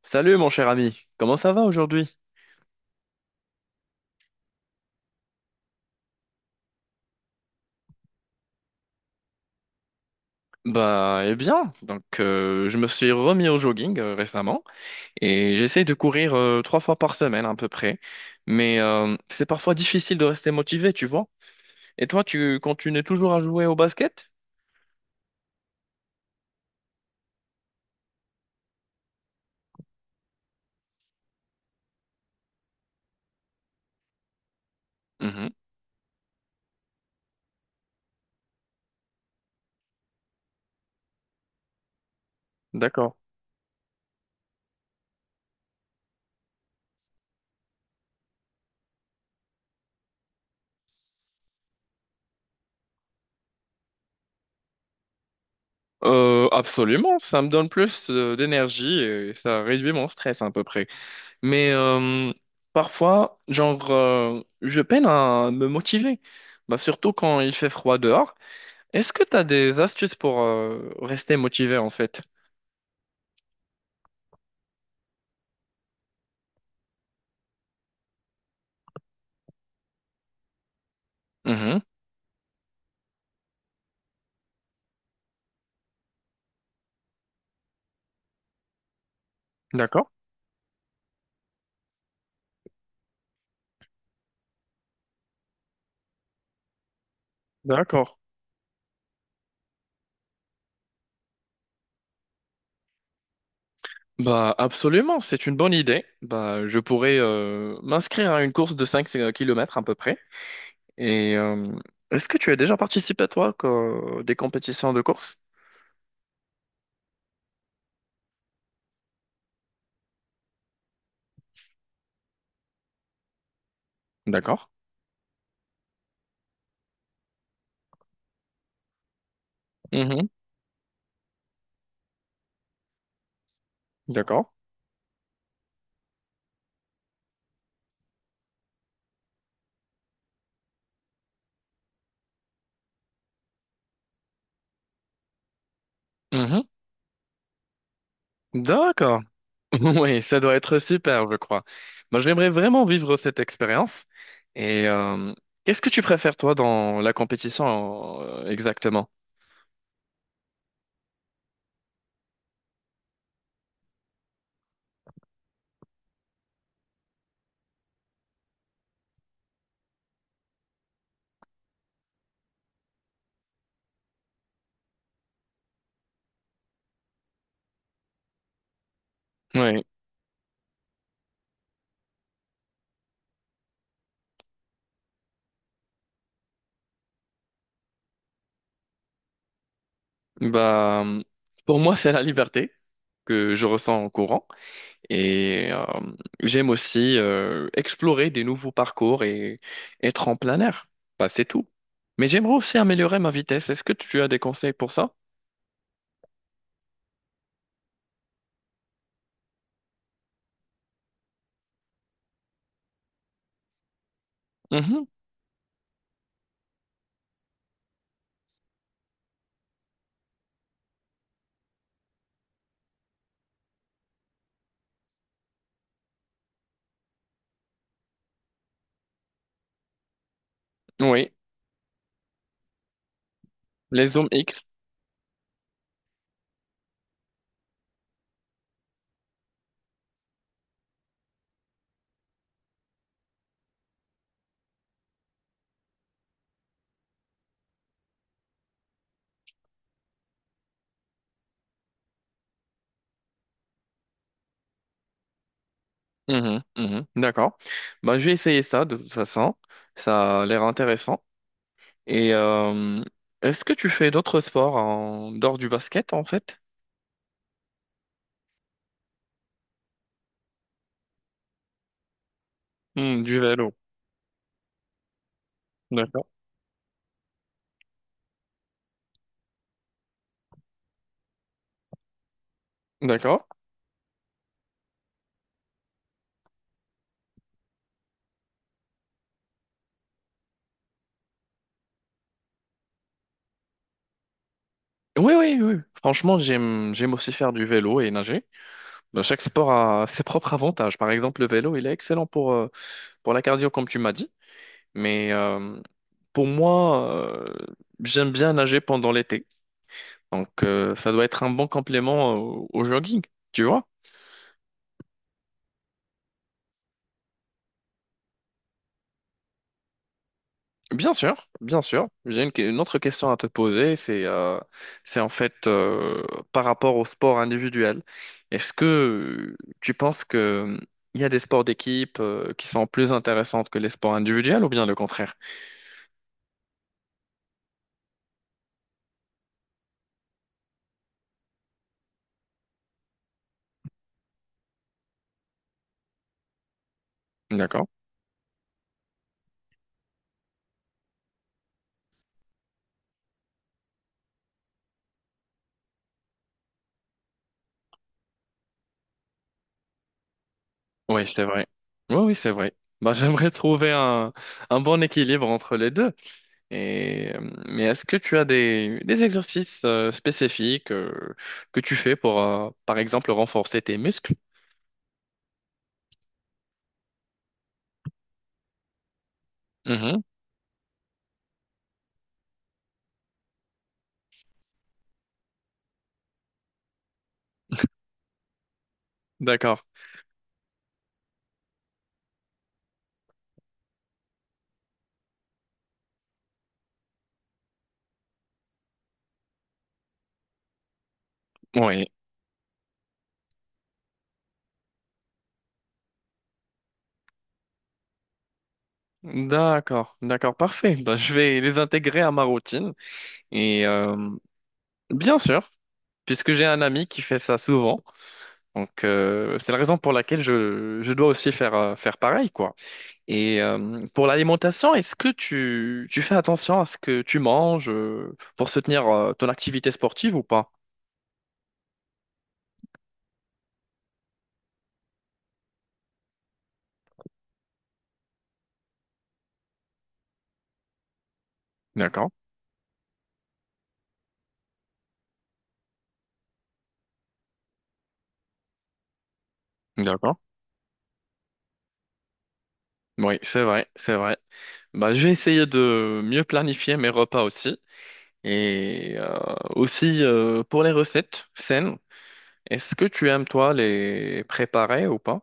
Salut mon cher ami, comment ça va aujourd'hui? Bah, eh bien, je me suis remis au jogging récemment et j'essaye de courir trois fois par semaine à peu près, mais c'est parfois difficile de rester motivé, tu vois. Et toi, tu continues toujours à jouer au basket? Mhm, d'accord. Absolument, ça me donne plus d'énergie et ça réduit mon stress à peu près. Mais euh, Parfois, je peine à me motiver, bah, surtout quand il fait froid dehors. Est-ce que tu as des astuces pour rester motivé en fait? Mhm. D'accord, d'accord. Bah absolument, c'est une bonne idée. Bah je pourrais m'inscrire à une course de 5 kilomètres à peu près. Et euh, Est-ce que tu as déjà participé toi à des compétitions de course? D'accord. Mhm. D'accord. Mhm. D'accord. Oui, ça doit être super, je crois. Bah, j'aimerais vraiment vivre cette expérience. Et euh, Qu'est-ce que tu préfères toi dans la compétition exactement? Oui. Bah, pour moi, c'est la liberté que je ressens en courant et j'aime aussi explorer des nouveaux parcours et être en plein air. Bah, c'est tout. Mais j'aimerais aussi améliorer ma vitesse. Est-ce que tu as des conseils pour ça? Mhm. Oui, les zooms X. Mhm, mhm. D'accord. Bah, je vais essayer ça de toute façon. Ça a l'air intéressant. Et euh, Est-ce que tu fais d'autres sports en dehors du basket en fait? Hmm, du vélo. D'accord. D'accord. Oui, oui, oui. Franchement, j'aime aussi faire du vélo et nager. Ben, chaque sport a ses propres avantages. Par exemple, le vélo, il est excellent pour la cardio, comme tu m'as dit. Mais euh, pour moi, j'aime bien nager pendant l'été. Donc, ça doit être un bon complément au jogging, tu vois? Bien sûr, bien sûr. J'ai une autre question à te poser, c'est en fait par rapport au sport individuel. Est-ce que Tu penses que il y a des sports d'équipe qui sont plus intéressants que les sports individuels ou bien le contraire? D'accord. Oui, c'est vrai. Oui, oui, c'est vrai. Bah, j'aimerais trouver un bon équilibre entre les deux. Et, euh, mais est-ce que tu as des exercices spécifiques que tu fais pour, par exemple, renforcer tes muscles? Mhm. D'accord. Oui, d'accord, d'accord, parfait. Bah, je vais les intégrer à ma routine. Et euh, Bien sûr, puisque j'ai un ami qui fait ça souvent, donc c'est la raison pour laquelle je dois aussi faire, faire pareil, quoi. Pour l'alimentation, est-ce que tu fais attention à ce que tu manges pour soutenir ton activité sportive ou pas? D'accord, d'accord. Oui, c'est vrai, c'est vrai. Bah, je vais essayer de mieux planifier mes repas aussi. Et euh, pour les recettes saines, est-ce que tu aimes toi les préparer ou pas?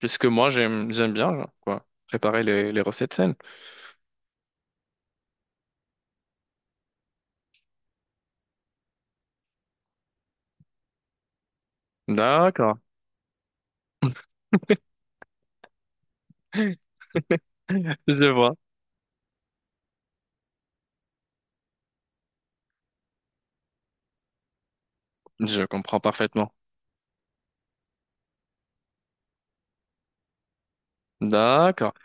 Puisque moi j'aime bien quoi préparer les recettes saines. D'accord, je vois, je comprends parfaitement. D'accord.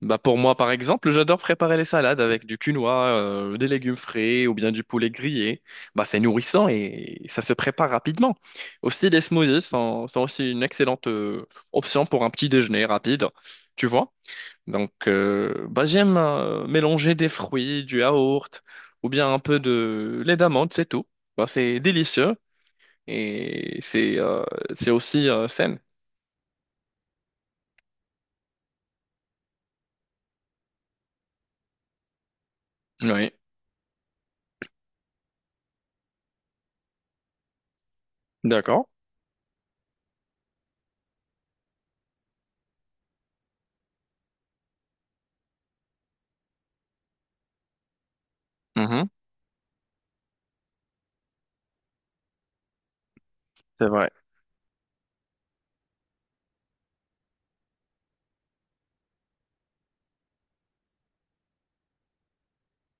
Bah pour moi par exemple, j'adore préparer les salades avec du quinoa, des légumes frais ou bien du poulet grillé. Bah c'est nourrissant et ça se prépare rapidement. Aussi les smoothies sont aussi une excellente option pour un petit déjeuner rapide. Tu vois? Donc, bah, j'aime mélanger des fruits, du yaourt ou bien un peu de lait d'amande, c'est tout. Bah, c'est délicieux et c'est aussi sain. Oui, d'accord. Mhm, c'est vrai.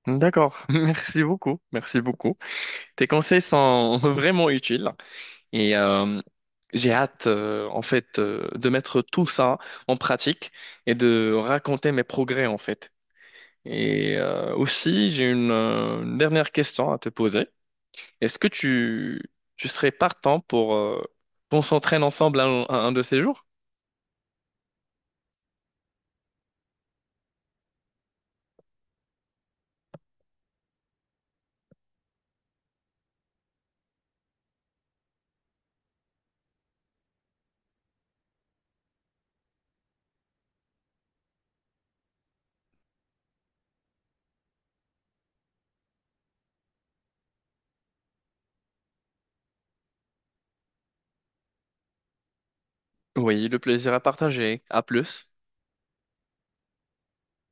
D'accord. Merci beaucoup. Merci beaucoup. Tes conseils sont vraiment utiles et j'ai hâte en fait de mettre tout ça en pratique et de raconter mes progrès en fait. Et aussi, j'ai une dernière question à te poser. Est-ce que tu serais partant pour qu'on s'entraîne ensemble un de ces jours? Oui, le plaisir à partager. À plus.